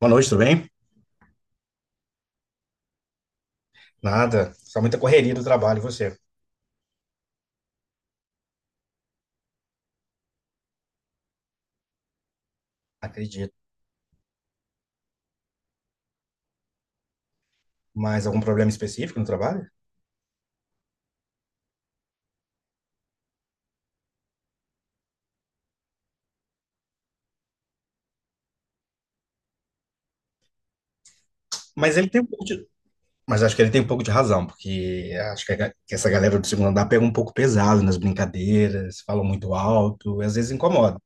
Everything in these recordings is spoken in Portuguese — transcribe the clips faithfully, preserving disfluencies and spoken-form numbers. Boa noite, tudo bem? Nada, só muita correria do trabalho, e você? Acredito. Mas algum problema específico no trabalho? Mas ele tem um pouco de... Mas acho que ele tem um pouco de razão, porque acho que, a ga- que essa galera do segundo andar pega um pouco pesado nas brincadeiras, falam muito alto, e às vezes incomoda.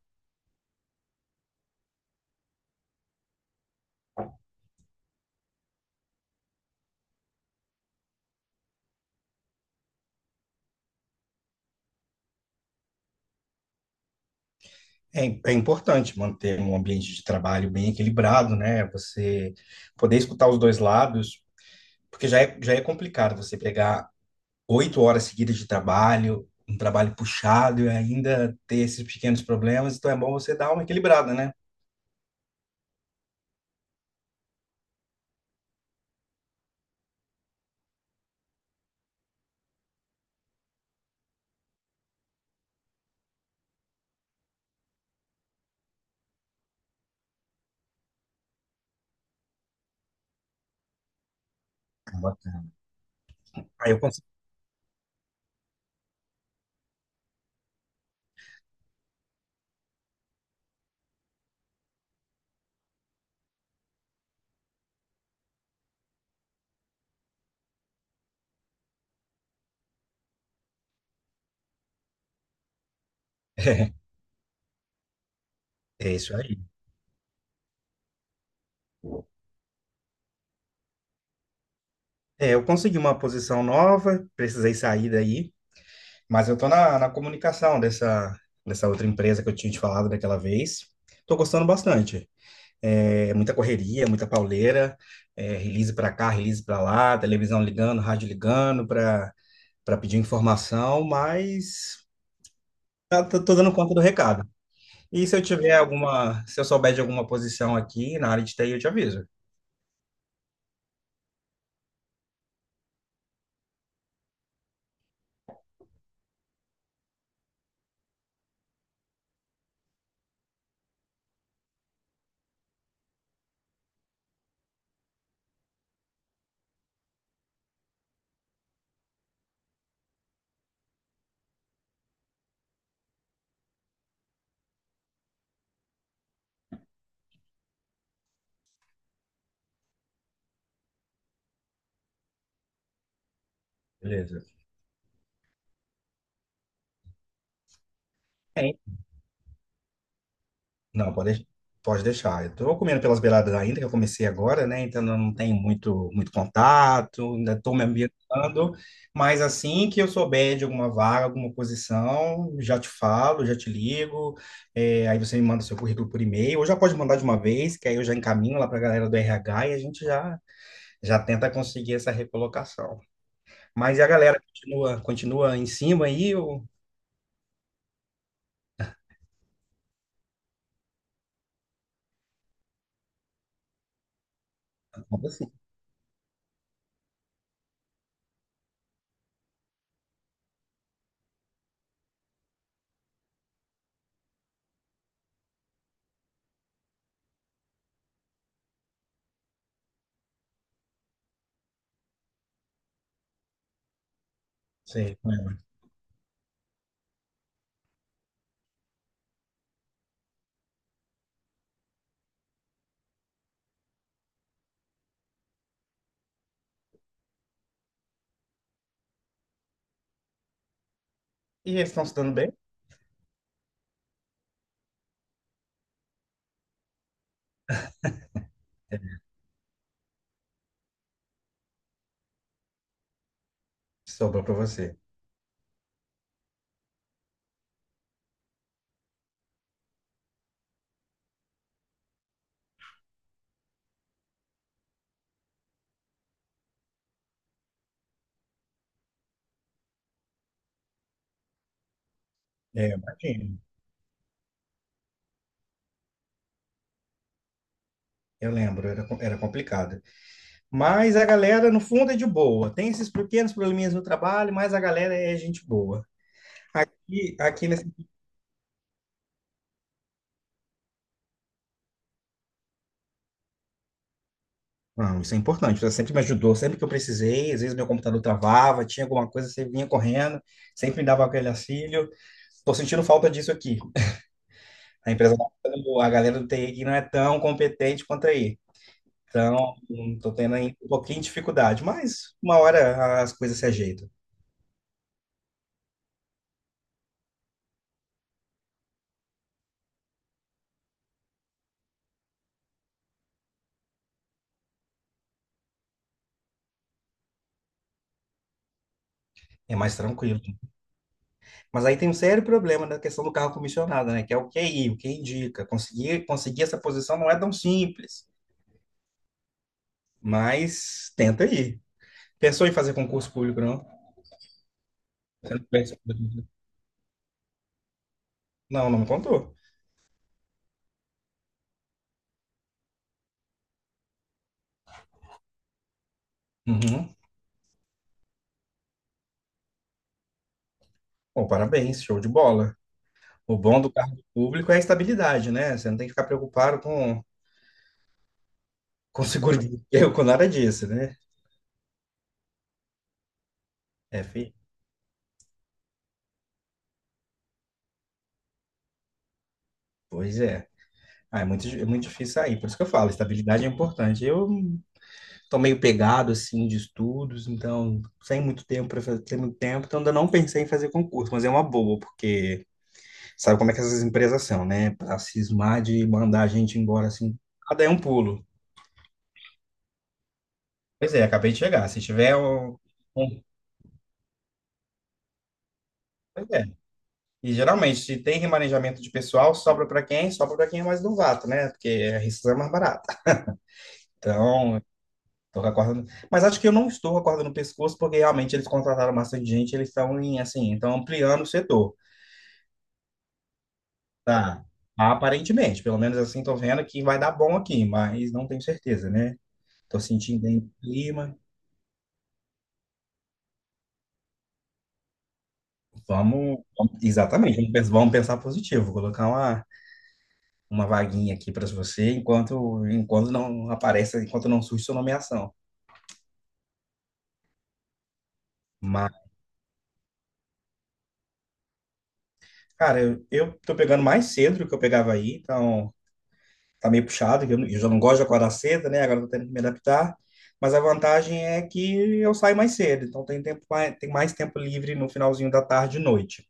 É, im- é importante manter um ambiente de trabalho bem equilibrado, né? Você poder escutar os dois lados, porque já é, já é complicado você pegar oito horas seguidas de trabalho, um trabalho puxado e ainda ter esses pequenos problemas, então é bom você dar uma equilibrada, né? Ah, bacana. Aí eu consegui. É isso aí. É, eu consegui uma posição nova, precisei sair daí, mas eu tô na, na comunicação dessa, dessa outra empresa que eu tinha te falado daquela vez. Tô gostando bastante. É, muita correria, muita pauleira, é, release para cá, release para lá, televisão ligando, rádio ligando para para pedir informação, mas tá- tô, tô dando conta do recado. E se eu tiver alguma, se eu souber de alguma posição aqui na área de T I, eu te aviso. Beleza. Tem. Não, pode, pode deixar. Eu tô comendo pelas beiradas ainda, que eu comecei agora, né? Então eu não tenho muito, muito contato, ainda estou me ambientando. Mas assim que eu souber de alguma vaga, alguma posição, já te falo, já te ligo. É, aí você me manda seu currículo por e-mail, ou já pode mandar de uma vez, que aí eu já encaminho lá para a galera do R H e a gente já, já tenta conseguir essa recolocação. Mas a galera continua, continua em cima aí ou Como assim? Sei, com E eles estão se dando bem? Sobrou para você. É, imagino. Eu lembro, era, co- era complicado. Mas a galera, no fundo, é de boa. Tem esses pequenos probleminhas no trabalho, mas a galera é gente boa. E aqui nesse. Não, isso é importante. Você sempre me ajudou, sempre que eu precisei. Às vezes meu computador travava, tinha alguma coisa, você vinha correndo, sempre me dava aquele auxílio. Tô sentindo falta disso aqui. A empresa, a galera do T I aqui não é tão competente quanto aí. Então, estou tendo aí um pouquinho de dificuldade, mas uma hora as coisas se ajeitam. É mais tranquilo. Mas aí tem um sério problema na questão do carro comissionado, né? Que é o Q I, o que indica. Conseguir, conseguir essa posição não é tão simples, mas tenta aí. Pensou em fazer concurso público, não? Você não pensa- em fazer concurso? Não, não me contou. Uhum. Bom, parabéns, show de bola. O bom do cargo público é a estabilidade, né? Você não tem que ficar preocupado com, com seguro de emprego, com nada disso, né? É, pois é. Ah, é muito, é muito difícil sair, por isso que eu falo, estabilidade é importante. Eu tô meio pegado, assim, de estudos, então, sem muito tempo para fazer, sem muito tempo, então ainda não pensei em fazer concurso, mas é uma boa, porque sabe como é que essas empresas são, né? Pra cismar de mandar a gente embora, assim, cada é um pulo. Pois é, acabei de chegar. Se tiver um... um- Pois é. E geralmente, se tem remanejamento de pessoal, sobra para quem? Sobra para quem é mais novato, né? Porque a rescisão é mais barata. Então, Tô com a corda no- Mas acho que eu não estou com a corda no pescoço, porque realmente eles contrataram bastante gente, eles estão em, assim, estão ampliando o setor, tá? Aparentemente, pelo menos assim, tô vendo que vai dar bom aqui, mas não tenho certeza, né? Tô sentindo bem o clima. Vamos, vamos- exatamente, vamos pens- vamos pensar positivo. Vou colocar uma, uma vaguinha aqui para você enquanto enquanto não aparece, enquanto não surge sua nomeação. Mas, cara, eu, eu tô pegando mais cedo do que eu pegava aí, então tá meio puxado, que eu, eu já não gosto de acordar cedo, né? Agora eu tô tendo que me adaptar. Mas a vantagem é que eu saio mais cedo, então tem tempo, mais- tem mais tempo livre no finalzinho da tarde e noite.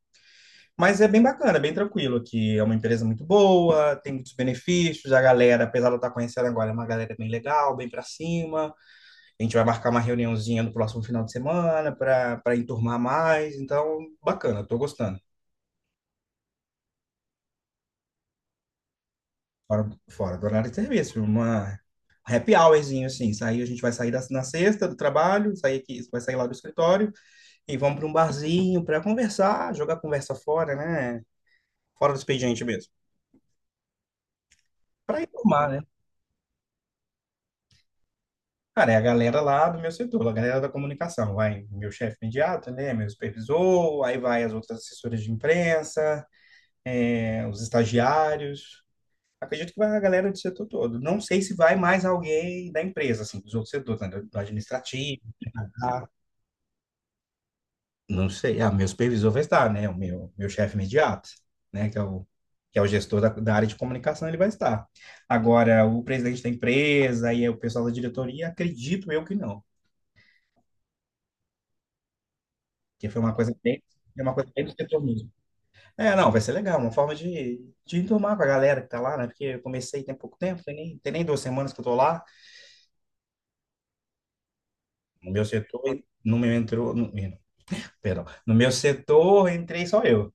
Mas é bem bacana, é bem tranquilo aqui. É uma empresa muito boa, tem muitos benefícios. A galera, apesar de eu estar conhecendo agora, é uma galera bem legal, bem para cima. A gente vai marcar uma reuniãozinha no próximo final de semana para para enturmar mais. Então, bacana, estou gostando. Fora, fora do horário de serviço, uma happy hourzinho, assim, sair, a gente vai sair da, na sexta do trabalho, sair aqui, vai sair lá do escritório e vamos para um barzinho para conversar, jogar conversa fora, né? Fora do expediente mesmo. Para informar, né? Cara, é a galera lá do meu setor, a galera da comunicação, vai meu chefe imediato, né? Meu supervisor, aí vai as outras assessoras de imprensa, é, os estagiários. Acredito que vai a galera do setor todo. Não sei se vai mais alguém da empresa, assim, dos outros setores, né? Do do administrativo Ah, não sei. Ah, meu supervisor vai estar, né? O meu, meu chefe imediato, né? Que é o, que é o gestor da, da área de comunicação, ele vai estar. Agora, o presidente da empresa e o pessoal da diretoria, acredito eu que não. Que foi uma coisa bem, é uma coisa bem do setor mesmo. É, não, vai ser legal. Uma forma de, de enturmar com a galera que tá lá, né? Porque eu comecei tem pouco tempo, tem nem, tem nem duas semanas que eu tô lá. No meu setor, no meu entrou... No, perdão. No meu setor, entrei só eu.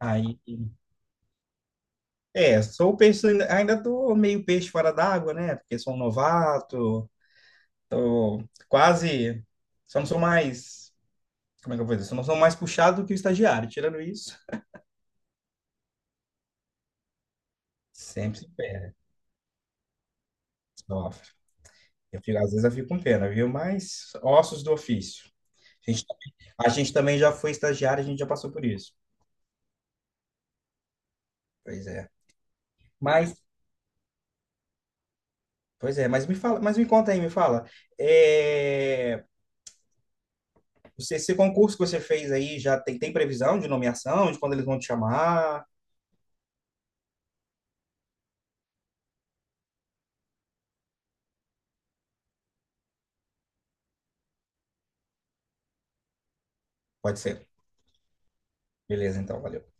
Aí É, sou o peixe, ainda tô meio peixe fora d'água, né? Porque sou um novato, tô quase, só não sou mais, como é que eu vou dizer? Só não sou mais puxado do que o estagiário. Tirando isso, sempre se perde, sofre. Eu fico, às vezes eu fico com pena, viu? Mas ossos do ofício. A gente, a gente também já foi estagiário, a gente já passou por isso. Pois é. Mas, pois é, mas me fala, mas me conta aí, me fala. É, você, esse concurso que você fez aí já tem, tem previsão de nomeação, de quando eles vão te chamar? Pode ser. Beleza, então, valeu.